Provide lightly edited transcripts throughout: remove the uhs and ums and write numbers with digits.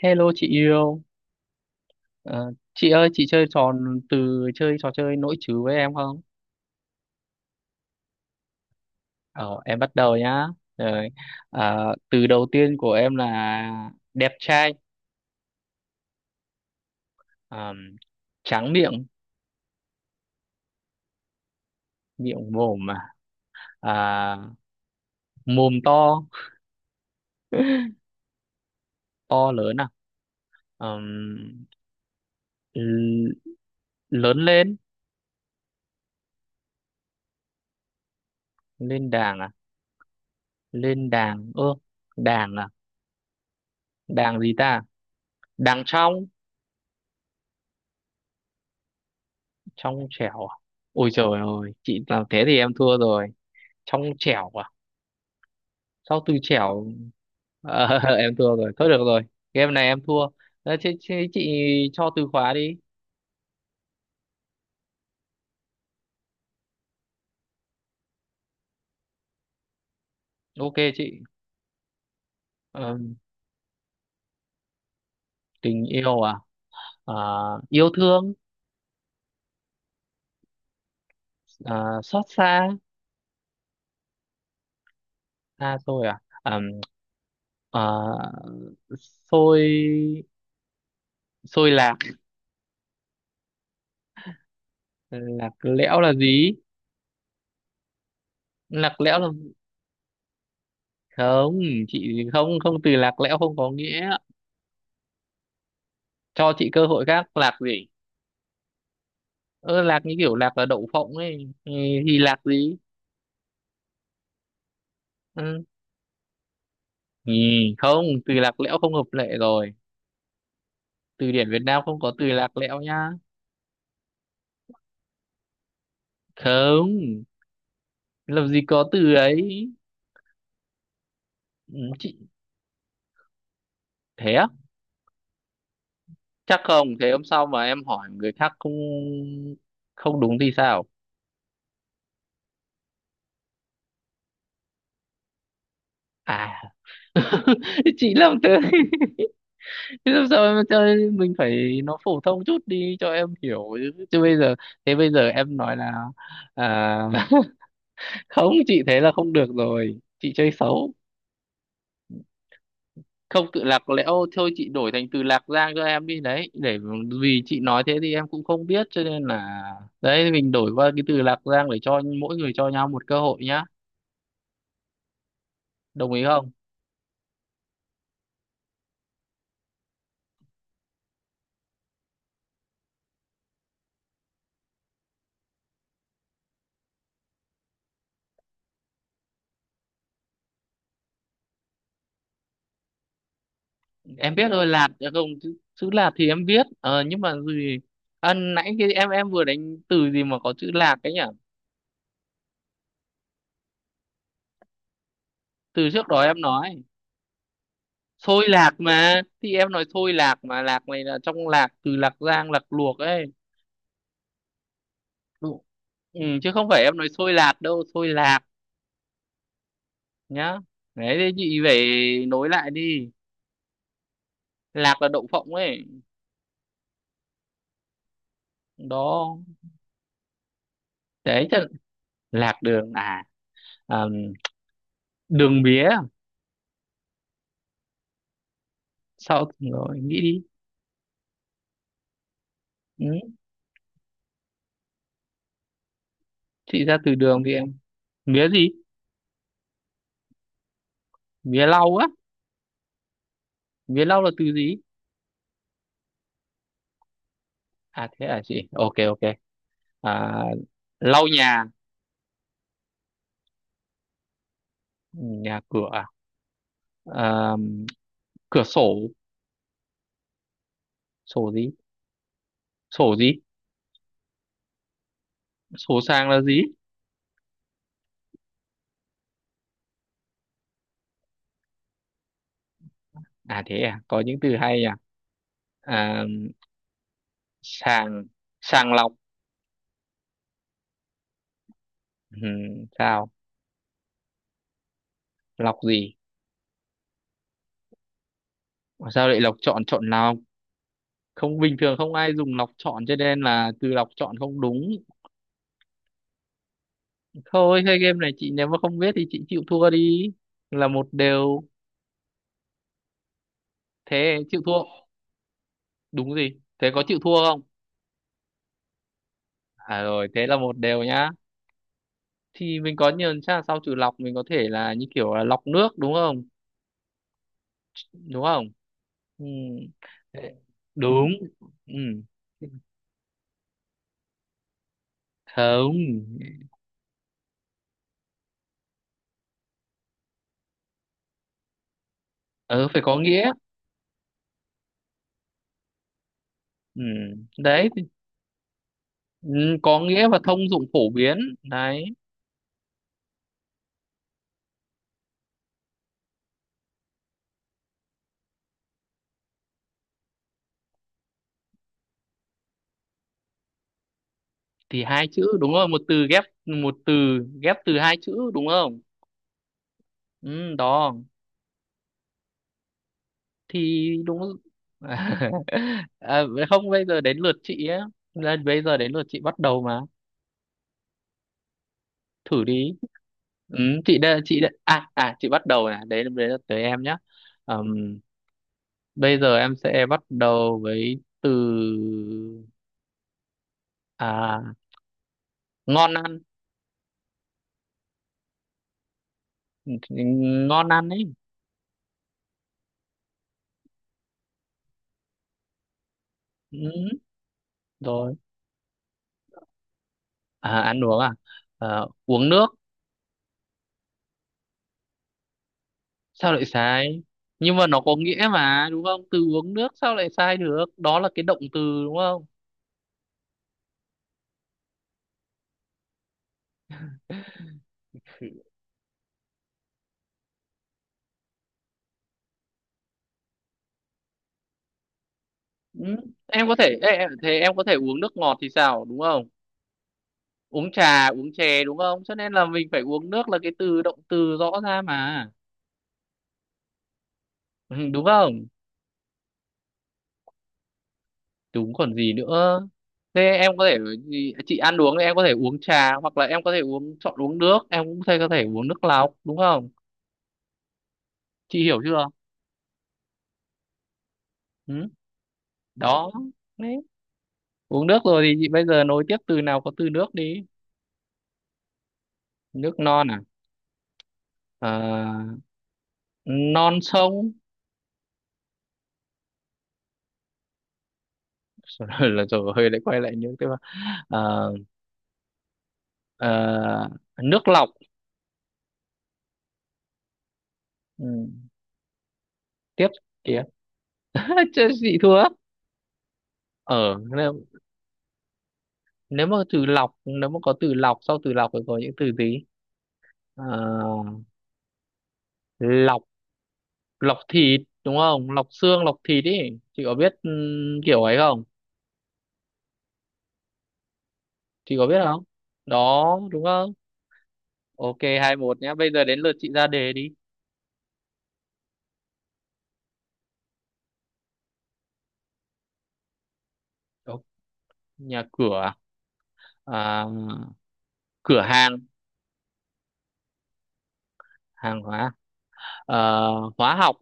Hello chị yêu. Ờ, chị ơi chị chơi trò từ chơi trò chơi nỗi trừ với em không? Ờ, em bắt đầu nhá. Rồi. Ờ, từ đầu tiên của em là đẹp trai. Ờ, tráng miệng, miệng mồm mà, à, mồm to. To lớn à? Ờm, l- lớn lên, lên đàng à? Lên đàng, ơ, đàng à, đàng gì ta? Đàng trong, trong trẻo. À? Ôi trời ơi, chị làm thế thì em thua rồi. Trong trẻo à? Sau từ chẻo. Ờ, em thua rồi, thôi được rồi, game này em thua. Ờ, thế, thế chị cho từ khóa đi. Ok chị. Ờ, tình yêu à. Ờ, yêu thương. Ờ, xót xa, xa rồi à. Ờ, xôi, xôi lạc. Lạc lẽo là gì? Lạc lẽo là, không, chị không không từ lạc lẽo không có nghĩa, cho chị cơ hội khác. Lạc gì? Ơ lạc như kiểu lạc là đậu phộng ấy. Ừ, thì lạc gì? Ừ. Ừ, không, từ lạc lẽo không hợp lệ rồi. Từ điển Việt Nam không có từ lạc lẽo nhá. Không, làm gì có từ ấy. Ừ, chị, thế á? Chắc không, thế hôm sau mà em hỏi người khác không không đúng thì sao? À, chị làm thế. Thế làm sao, em cho mình phải nó phổ thông chút đi cho em hiểu chứ. Chứ bây giờ, thế bây giờ em nói là à, không chị thế là không được rồi. Chị chơi xấu. Không tự lạc lẽo thôi, chị đổi thành từ Lạc Giang cho em đi, đấy, để vì chị nói thế thì em cũng không biết, cho nên là đấy, mình đổi qua cái từ Lạc Giang để cho mỗi người cho nhau một cơ hội nhá, đồng ý không? Em biết rồi. Lạt à? Không, chữ, chữ Lạt thì em biết, ờ, nhưng mà gì, à, nãy cái em vừa đánh từ gì mà có chữ Lạc ấy nhỉ? Từ trước đó em nói xôi lạc mà, thì em nói xôi lạc mà lạc này là trong lạc từ Lạc Giang Lạc Luộc ấy. Ừ, chứ không phải em nói xôi lạc đâu, xôi lạc nhá. Đấy thì chị phải nối lại đi. Lạc là đậu phộng ấy, đó. Đấy chứ, lạc đường à? À, đường mía, sau rồi nghĩ đi. Ừ. Chị ra từ đường thì em. Mía gì? Mía lau á? Mía lau là từ gì? À thế à, chị ok ok. À, lau nhà. Nhà cửa à? À, cửa sổ. Sổ gì? Sổ gì? Sổ sang là gì? À thế à, có những từ hay nhỉ. À, sàng, sàng lọc. Ừ, sao? Lọc gì? Mà sao lại lọc chọn, chọn nào? Không, bình thường không ai dùng lọc chọn cho nên là từ lọc chọn không đúng. Thôi thế game này chị nếu mà không biết thì chị chịu thua đi, là một đều. Thế chịu thua. Đúng gì? Thế có chịu thua không? À rồi, thế là một đều nhá. Thì mình có nhiều, chắc là sau trừ lọc mình có thể là như kiểu là lọc nước đúng không? Đúng không? Ừ. Thế- đúng. Ừ. Không. Ừ phải có nghĩa. Ừ. Đấy. Ừ, có nghĩa và thông dụng phổ biến đấy. Thì hai chữ đúng rồi, một từ ghép, một từ ghép từ hai chữ đúng không? Ừ, đó, thì đúng. À, không, bây giờ đến lượt chị á. Đây, bây giờ đến lượt chị bắt đầu mà, thử đi. Ừ, chị đây, à à chị bắt đầu này, đấy đấy là tới em nhé. Ừm, bây giờ em sẽ bắt đầu với từ, à, ngon ăn. Thì ngon ăn ấy. Ừ, rồi. À, ăn uống à? Ờ, uống nước. Sao lại sai? Nhưng mà nó có nghĩa mà đúng không? Từ uống nước sao lại sai được? Đó là cái động từ đúng không? Ừ, em có thể, ê, thế em có thể uống nước ngọt thì sao đúng không? Uống trà, uống chè đúng không? Cho nên là mình phải uống nước là cái từ động từ rõ ra mà. Ừ, đúng không? Đúng còn gì nữa. Thế em có thể gì, chị ăn uống thì em có thể uống trà hoặc là em có thể uống chọn uống nước, em cũng có thể uống nước lọc đúng không? Chị hiểu chưa? Ừ, đó. Uống nước rồi thì chị bây giờ nối tiếp từ nào có từ nước đi. Nước non à. Ờ, non sông. Rồi là rồi hơi lại quay lại những cái, ờ, ờ, nước lọc. Ừ, tiếp, tiếp. Chứ chị thua. Ở nếu, nếu mà từ lọc nếu mà có từ lọc, sau từ lọc thì có những từ gì? Ờ, lọc, lọc thịt đúng không, lọc xương lọc thịt ý. Chị có biết kiểu ấy không? Chị có biết không? Đó đúng không? Ok 2-1 nhá, bây giờ đến lượt chị ra đề đi. Ok. Nhà cửa à. À, cửa hàng. Hàng hóa à. Hóa học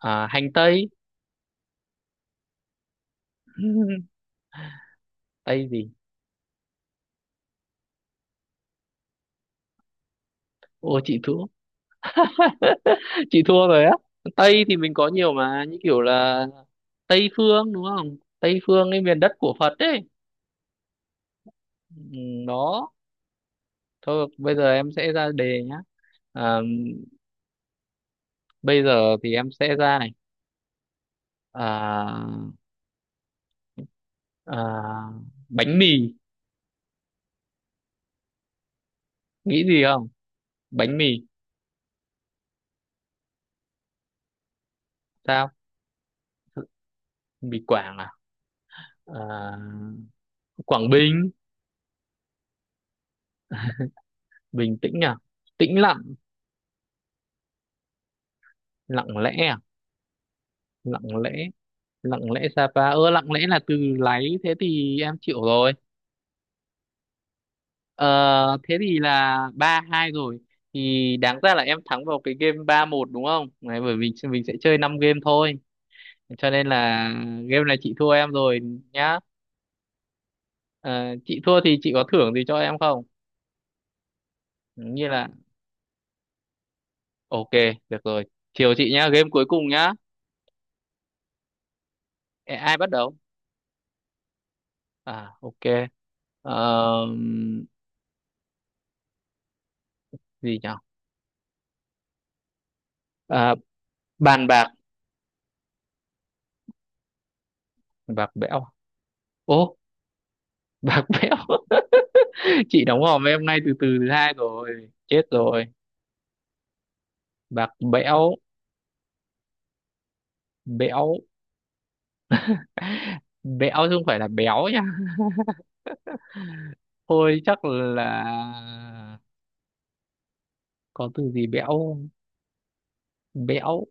à. Hành tây. Tây gì? Ô chị thua. Chị thua rồi á. Tây thì mình có nhiều mà, như kiểu là tây phương đúng không, tây phương cái miền đất của Phật ấy. Ừ, đó. Thôi bây giờ em sẽ ra đề nhá. À, bây giờ thì em sẽ ra này, à, à, bánh mì. Nghĩ gì không? Bánh mì. Sao? Mì Quảng à. À, Quảng Bình. Bình tĩnh à. Tĩnh lặng. Lặng lẽ à. Lặng lẽ, lặng lẽ Sapa. Ơ lặng lẽ là từ láy, thế thì em chịu rồi. Ờ thế thì là 3-2 rồi. Thì đáng ra là em thắng vào cái game 3-1 đúng không. Đấy, bởi vì mình sẽ chơi 5 game thôi cho nên là game này chị thua em rồi nhá. Ờ, chị thua thì chị có thưởng gì cho em không, như là. Ok, được rồi, chiều chị nhá, game cuối cùng nhá. Ê, ai bắt đầu? À ok. Ờ, gì nhỉ, à, bàn bạc. Bạc bẽo. Ô bạc bẽo. Chị đóng hòm em nay từ từ thứ hai rồi, chết rồi. Bạc bẽo. Bẽo, bẽo chứ không phải là béo nha. Thôi chắc là có từ gì bẽo không? Bẽo,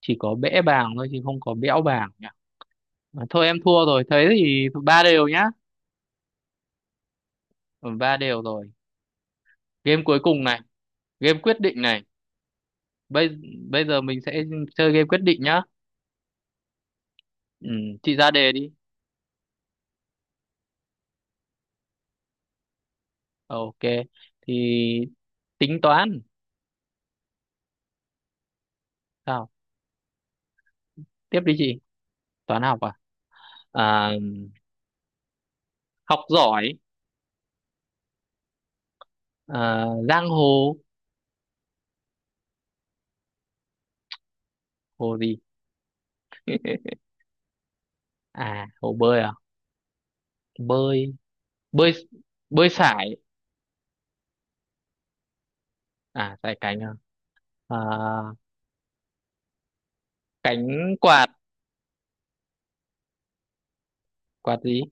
chỉ có bẽ bàng thôi chứ không có bẽo bàng nhỉ. À, thôi em thua rồi, thế thì ba đều nhá. Ừ, ba đều rồi. Game cuối cùng này, game quyết định này. Bây bây giờ mình sẽ chơi game quyết định nhá. Ừ, chị ra đề đi. Ok thì tính toán. Sao? Tiếp đi chị. Toán học à. À học giỏi. À, giang hồ. Hồ gì? À hồ bơi à. Bơi, bơi, bơi sải. À sải cánh à. À cánh quạt. Quạt gì?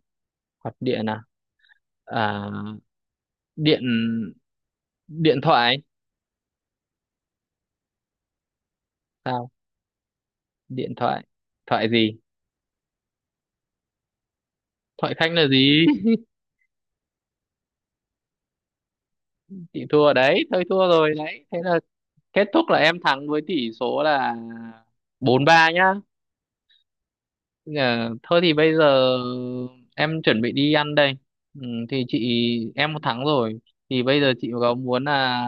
Quạt điện à. À điện, điện thoại. Sao? Điện thoại. Thoại gì? Thoại khanh là gì? Chị thua đấy, thôi thua rồi đấy, thế là kết thúc là em thắng với tỷ số là 4-3 nhá. Dạ, thôi thì bây giờ em chuẩn bị đi ăn đây. Ừ, thì chị em một tháng rồi. Thì bây giờ chị có muốn là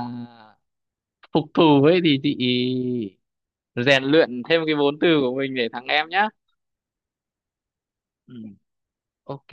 phục thù ấy thì chị rèn luyện thêm cái vốn từ của mình để thắng em nhá. Ừ, ok.